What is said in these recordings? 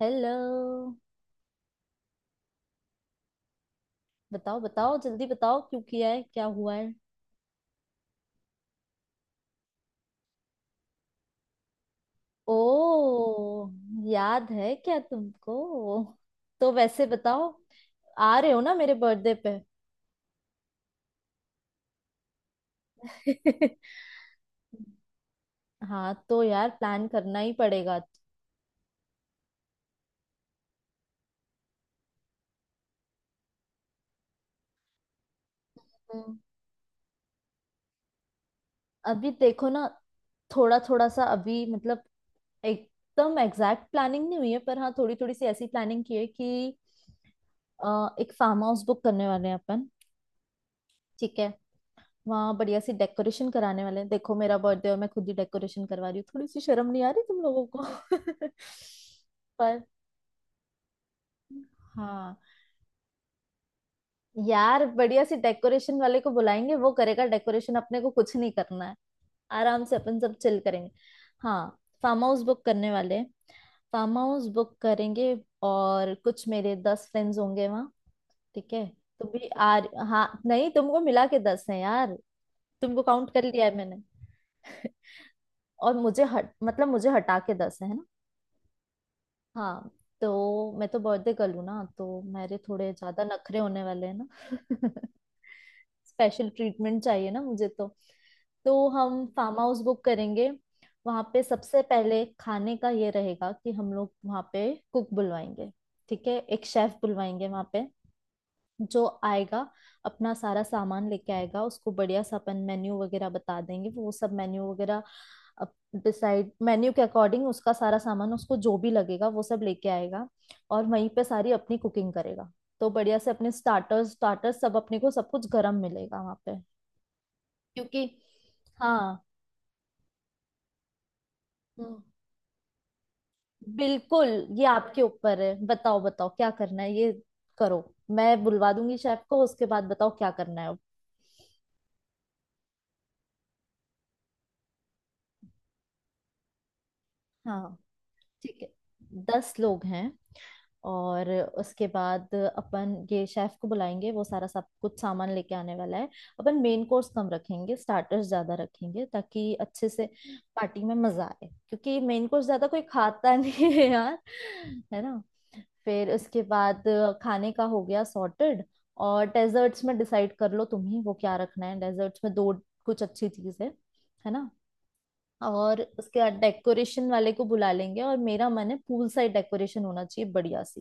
Hello. बताओ बताओ जल्दी बताओ क्यों किया है क्या हुआ है। ओ याद है क्या तुमको। तो वैसे बताओ आ रहे हो ना मेरे बर्थडे पे? हाँ तो यार प्लान करना ही पड़ेगा। हम्म। अभी देखो ना। थोड़ा थोड़ा सा अभी मतलब एकदम एग्जैक्ट प्लानिंग नहीं हुई है, पर हाँ थोड़ी थोड़ी सी ऐसी प्लानिंग की है कि एक फार्म हाउस बुक करने वाले हैं अपन। ठीक है। वहाँ बढ़िया सी डेकोरेशन कराने वाले हैं। देखो, मेरा बर्थडे और मैं खुद ही डेकोरेशन करवा रही हूँ, थोड़ी सी शर्म नहीं आ रही तुम लोगों को। पर हाँ यार, बढ़िया सी डेकोरेशन वाले को बुलाएंगे, वो करेगा डेकोरेशन, अपने को कुछ नहीं करना है। आराम से अपन सब चिल करेंगे। हाँ। फार्म हाउस बुक करने वाले, फार्म हाउस बुक करेंगे। और कुछ मेरे 10 फ्रेंड्स होंगे। ठीक है। तो भी आर हाँ नहीं, तुमको मिला के 10 है यार। तुमको काउंट कर लिया है मैंने। और मुझे हट मतलब मुझे हटा के 10 है ना। हाँ। तो मैं तो बर्थडे गर्ल हूँ ना, तो मेरे थोड़े ज्यादा नखरे होने वाले हैं ना। स्पेशल ट्रीटमेंट चाहिए ना मुझे तो। तो हम फार्म हाउस बुक करेंगे। वहां पे सबसे पहले खाने का ये रहेगा कि हम लोग वहां पे कुक बुलवाएंगे। ठीक है, एक शेफ बुलवाएंगे वहां पे। जो आएगा अपना सारा सामान लेके आएगा। उसको बढ़िया सा अपन मेन्यू वगैरह बता देंगे, वो सब मेन्यू वगैरह डिसाइड, मेन्यू के अकॉर्डिंग उसका सारा सामान, उसको जो भी लगेगा वो सब लेके आएगा, और वहीं पे सारी अपनी कुकिंग करेगा। तो बढ़िया से अपने स्टार्टर्स स्टार्टर्स, सब अपने को सब कुछ गरम मिलेगा वहाँ पे। क्योंकि हाँ, हम्म, बिल्कुल। ये आपके ऊपर है, बताओ बताओ क्या करना है ये, करो। मैं बुलवा दूंगी शेफ को, उसके बाद बताओ क्या करना है। हाँ, ठीक है। 10 लोग हैं। और उसके बाद अपन ये शेफ को बुलाएंगे, वो सारा सब कुछ सामान लेके आने वाला है। अपन मेन कोर्स कम रखेंगे, स्टार्टर्स ज्यादा रखेंगे, ताकि अच्छे से पार्टी में मजा आए, क्योंकि मेन कोर्स ज्यादा कोई खाता नहीं है यार, है ना। फिर उसके बाद खाने का हो गया सॉर्टेड। और डेजर्ट्स में डिसाइड कर लो तुम ही, वो क्या रखना है डेजर्ट्स में, दो कुछ अच्छी चीज है ना। और उसके बाद डेकोरेशन वाले को बुला लेंगे, और मेरा मन है पूल साइड डेकोरेशन होना चाहिए बढ़िया सी,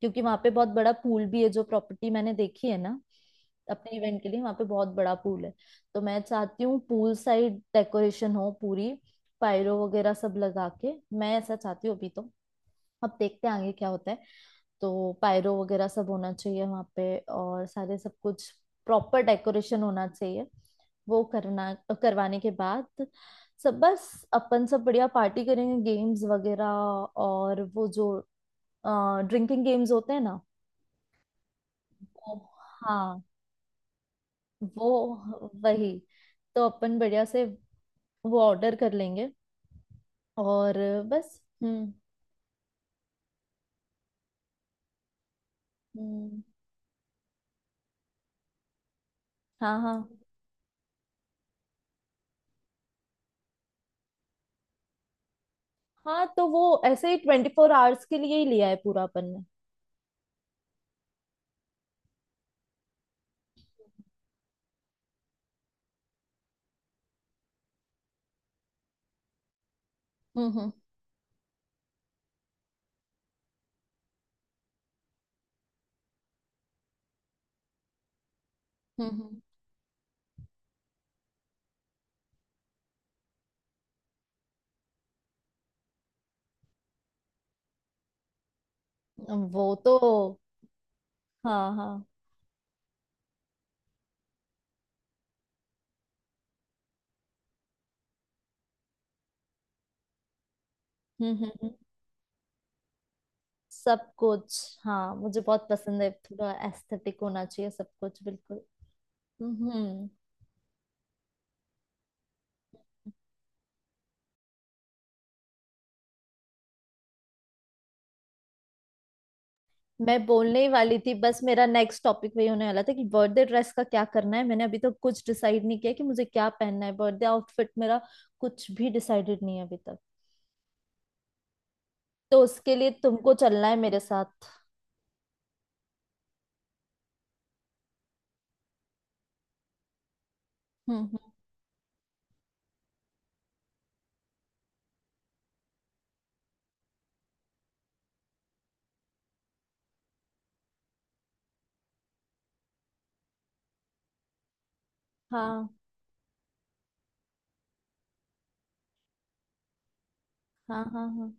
क्योंकि वहां पे बहुत बड़ा पूल भी है, जो प्रॉपर्टी मैंने देखी है ना अपने इवेंट के लिए, वहां पे बहुत बड़ा पूल है। तो मैं चाहती हूँ पूल साइड डेकोरेशन हो पूरी, पायरो वगैरह सब लगा के। मैं ऐसा चाहती हूँ अभी तो। अब देखते हैं आगे क्या होता है। तो पायरो वगैरह सब होना चाहिए वहाँ पे, और सारे सब कुछ प्रॉपर डेकोरेशन होना चाहिए। वो करना, करवाने के बाद, सब बस अपन सब बढ़िया पार्टी करेंगे, गेम्स वगैरह। और वो जो ड्रिंकिंग गेम्स होते हैं ना, वो। हाँ, वो वही। तो अपन बढ़िया से वो ऑर्डर कर लेंगे। और बस। हम्म। हाँ हाँ हाँ, तो वो ऐसे ही 24 आवर्स के लिए ही लिया है पूरा अपन ने। हम्म हम्म हम्म हम्म। वो तो हाँ हाँ। हम्म हम्म हम्म। सब कुछ, हाँ, मुझे बहुत पसंद है, थोड़ा एस्थेटिक होना चाहिए सब कुछ, बिल्कुल। हम्म हम्म। मैं बोलने ही वाली थी, बस मेरा नेक्स्ट टॉपिक वही होने वाला था कि बर्थडे ड्रेस का क्या करना है। मैंने अभी तक कुछ डिसाइड नहीं किया कि मुझे क्या पहनना है, बर्थडे आउटफिट मेरा कुछ भी डिसाइडेड नहीं है अभी तक। तो उसके लिए तुमको चलना है मेरे साथ। हम्म हम्म, हाँ हाँ हाँ। हाँ,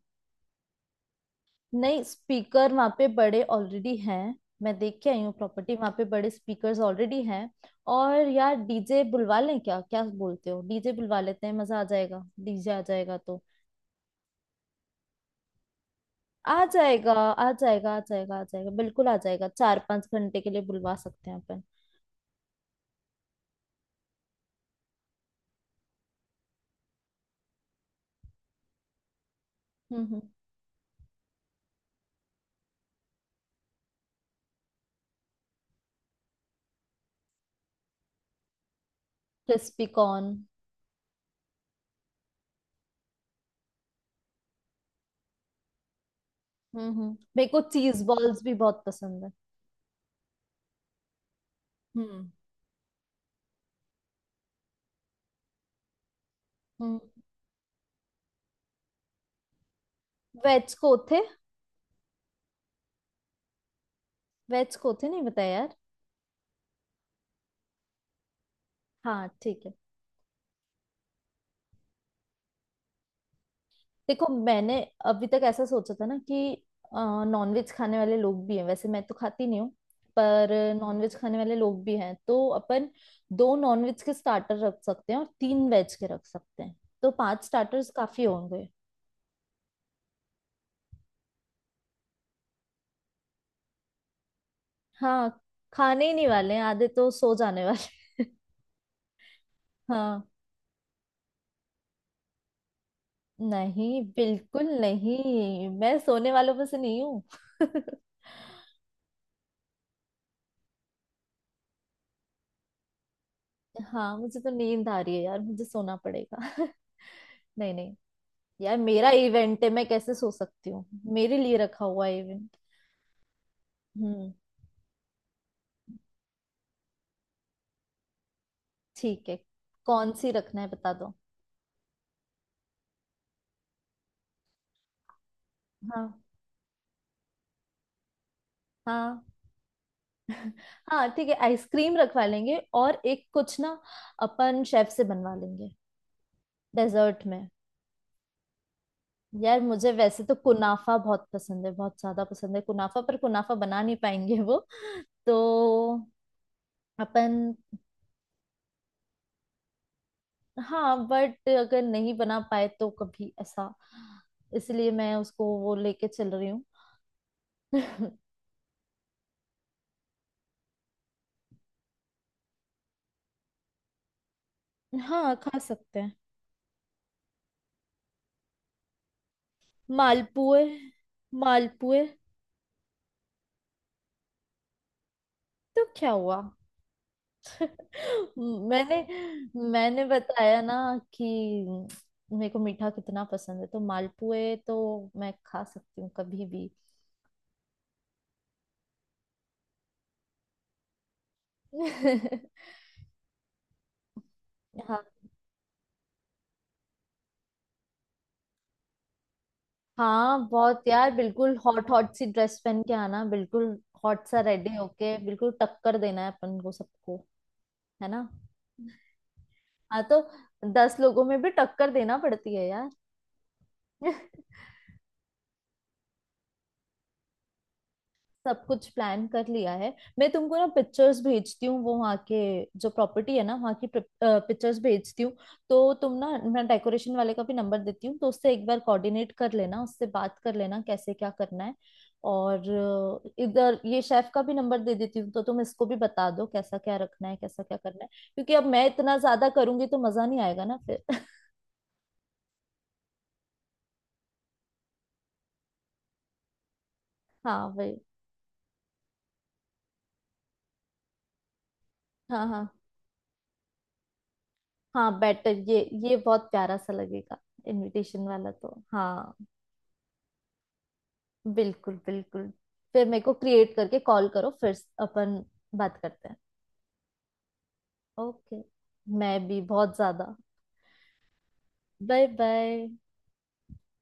नहीं, स्पीकर वहाँ पे बड़े ऑलरेडी हैं। मैं देख के आई हूँ प्रॉपर्टी, वहाँ पे बड़े स्पीकर्स ऑलरेडी हैं। और यार डीजे बुलवा लें क्या, क्या बोलते हो? डीजे बुलवा लेते हैं, मजा आ जाएगा डीजे आ जाएगा तो। आ जाएगा आ जाएगा आ जाएगा आ जाएगा, बिल्कुल आ जाएगा, 4-5 घंटे के लिए बुलवा सकते हैं अपन। हम्म। Crispy corn. हम्म, मेरे को चीज बॉल्स भी बहुत पसंद है। हम्म हम्म। वेज कोथे। वेज कोथे नहीं बताया यार? हाँ ठीक है। देखो, मैंने अभी तक ऐसा सोचा था ना कि नॉनवेज खाने वाले लोग भी हैं, वैसे मैं तो खाती नहीं हूँ, पर नॉनवेज खाने वाले लोग भी हैं, तो अपन दो नॉनवेज के स्टार्टर रख सकते हैं और तीन वेज के रख सकते हैं, तो पांच स्टार्टर्स काफी होंगे। हाँ, खाने ही नहीं वाले हैं, आधे तो सो जाने वाले हैं। हाँ। नहीं, बिल्कुल नहीं, मैं सोने वालों में से नहीं हूँ। हाँ मुझे तो नींद आ रही है यार, मुझे सोना पड़ेगा। नहीं नहीं, यार मेरा इवेंट है, मैं कैसे सो सकती हूँ। मेरे लिए रखा हुआ है इवेंट। हम्म। ठीक है, कौन सी रखना है बता दो। हाँ हाँ। हाँ ठीक है, आइसक्रीम रखवा लेंगे, और एक कुछ ना, अपन शेफ से बनवा लेंगे डेजर्ट में। यार मुझे वैसे तो कुनाफा बहुत पसंद है, बहुत ज्यादा पसंद है कुनाफा, पर कुनाफा बना नहीं पाएंगे वो तो। अपन। हाँ, बट अगर नहीं बना पाए तो कभी ऐसा, इसलिए मैं उसको वो लेके चल रही हूँ। हाँ खा सकते हैं। मालपुए। मालपुए। तो क्या हुआ? मैंने मैंने बताया ना कि मेरे को मीठा कितना पसंद है, तो मालपुए तो मैं खा सकती हूँ कभी भी। हाँ। हाँ बहुत यार, बिल्कुल हॉट हॉट सी ड्रेस पहन के आना, बिल्कुल हॉट सा रेडी होके, बिल्कुल टक्कर देना है अपन को सबको, है ना। हाँ। तो 10 लोगों में भी टक्कर देना पड़ती है यार। सब कुछ प्लान कर लिया है। मैं तुमको ना पिक्चर्स भेजती हूँ वो वहाँ के, जो प्रॉपर्टी है ना वहाँ की पिक्चर्स भेजती हूँ। तो तुम ना, मैं डेकोरेशन वाले का भी नंबर देती हूँ, तो उससे एक बार कोऑर्डिनेट कर लेना, उससे बात कर लेना कैसे क्या करना है। और इधर ये शेफ का भी नंबर दे देती हूँ, तो तुम इसको भी बता दो कैसा क्या रखना है, कैसा क्या करना है, क्योंकि अब मैं इतना ज्यादा करूंगी तो मजा नहीं आएगा ना फिर। हाँ वही। हाँ हाँ, हाँ बेटर ये बहुत प्यारा सा लगेगा इनविटेशन वाला तो, हाँ। बिल्कुल बिल्कुल। फिर मेरे को क्रिएट करके कॉल करो, फिर अपन बात करते हैं। ओके। मैं भी बहुत ज्यादा। Bye bye.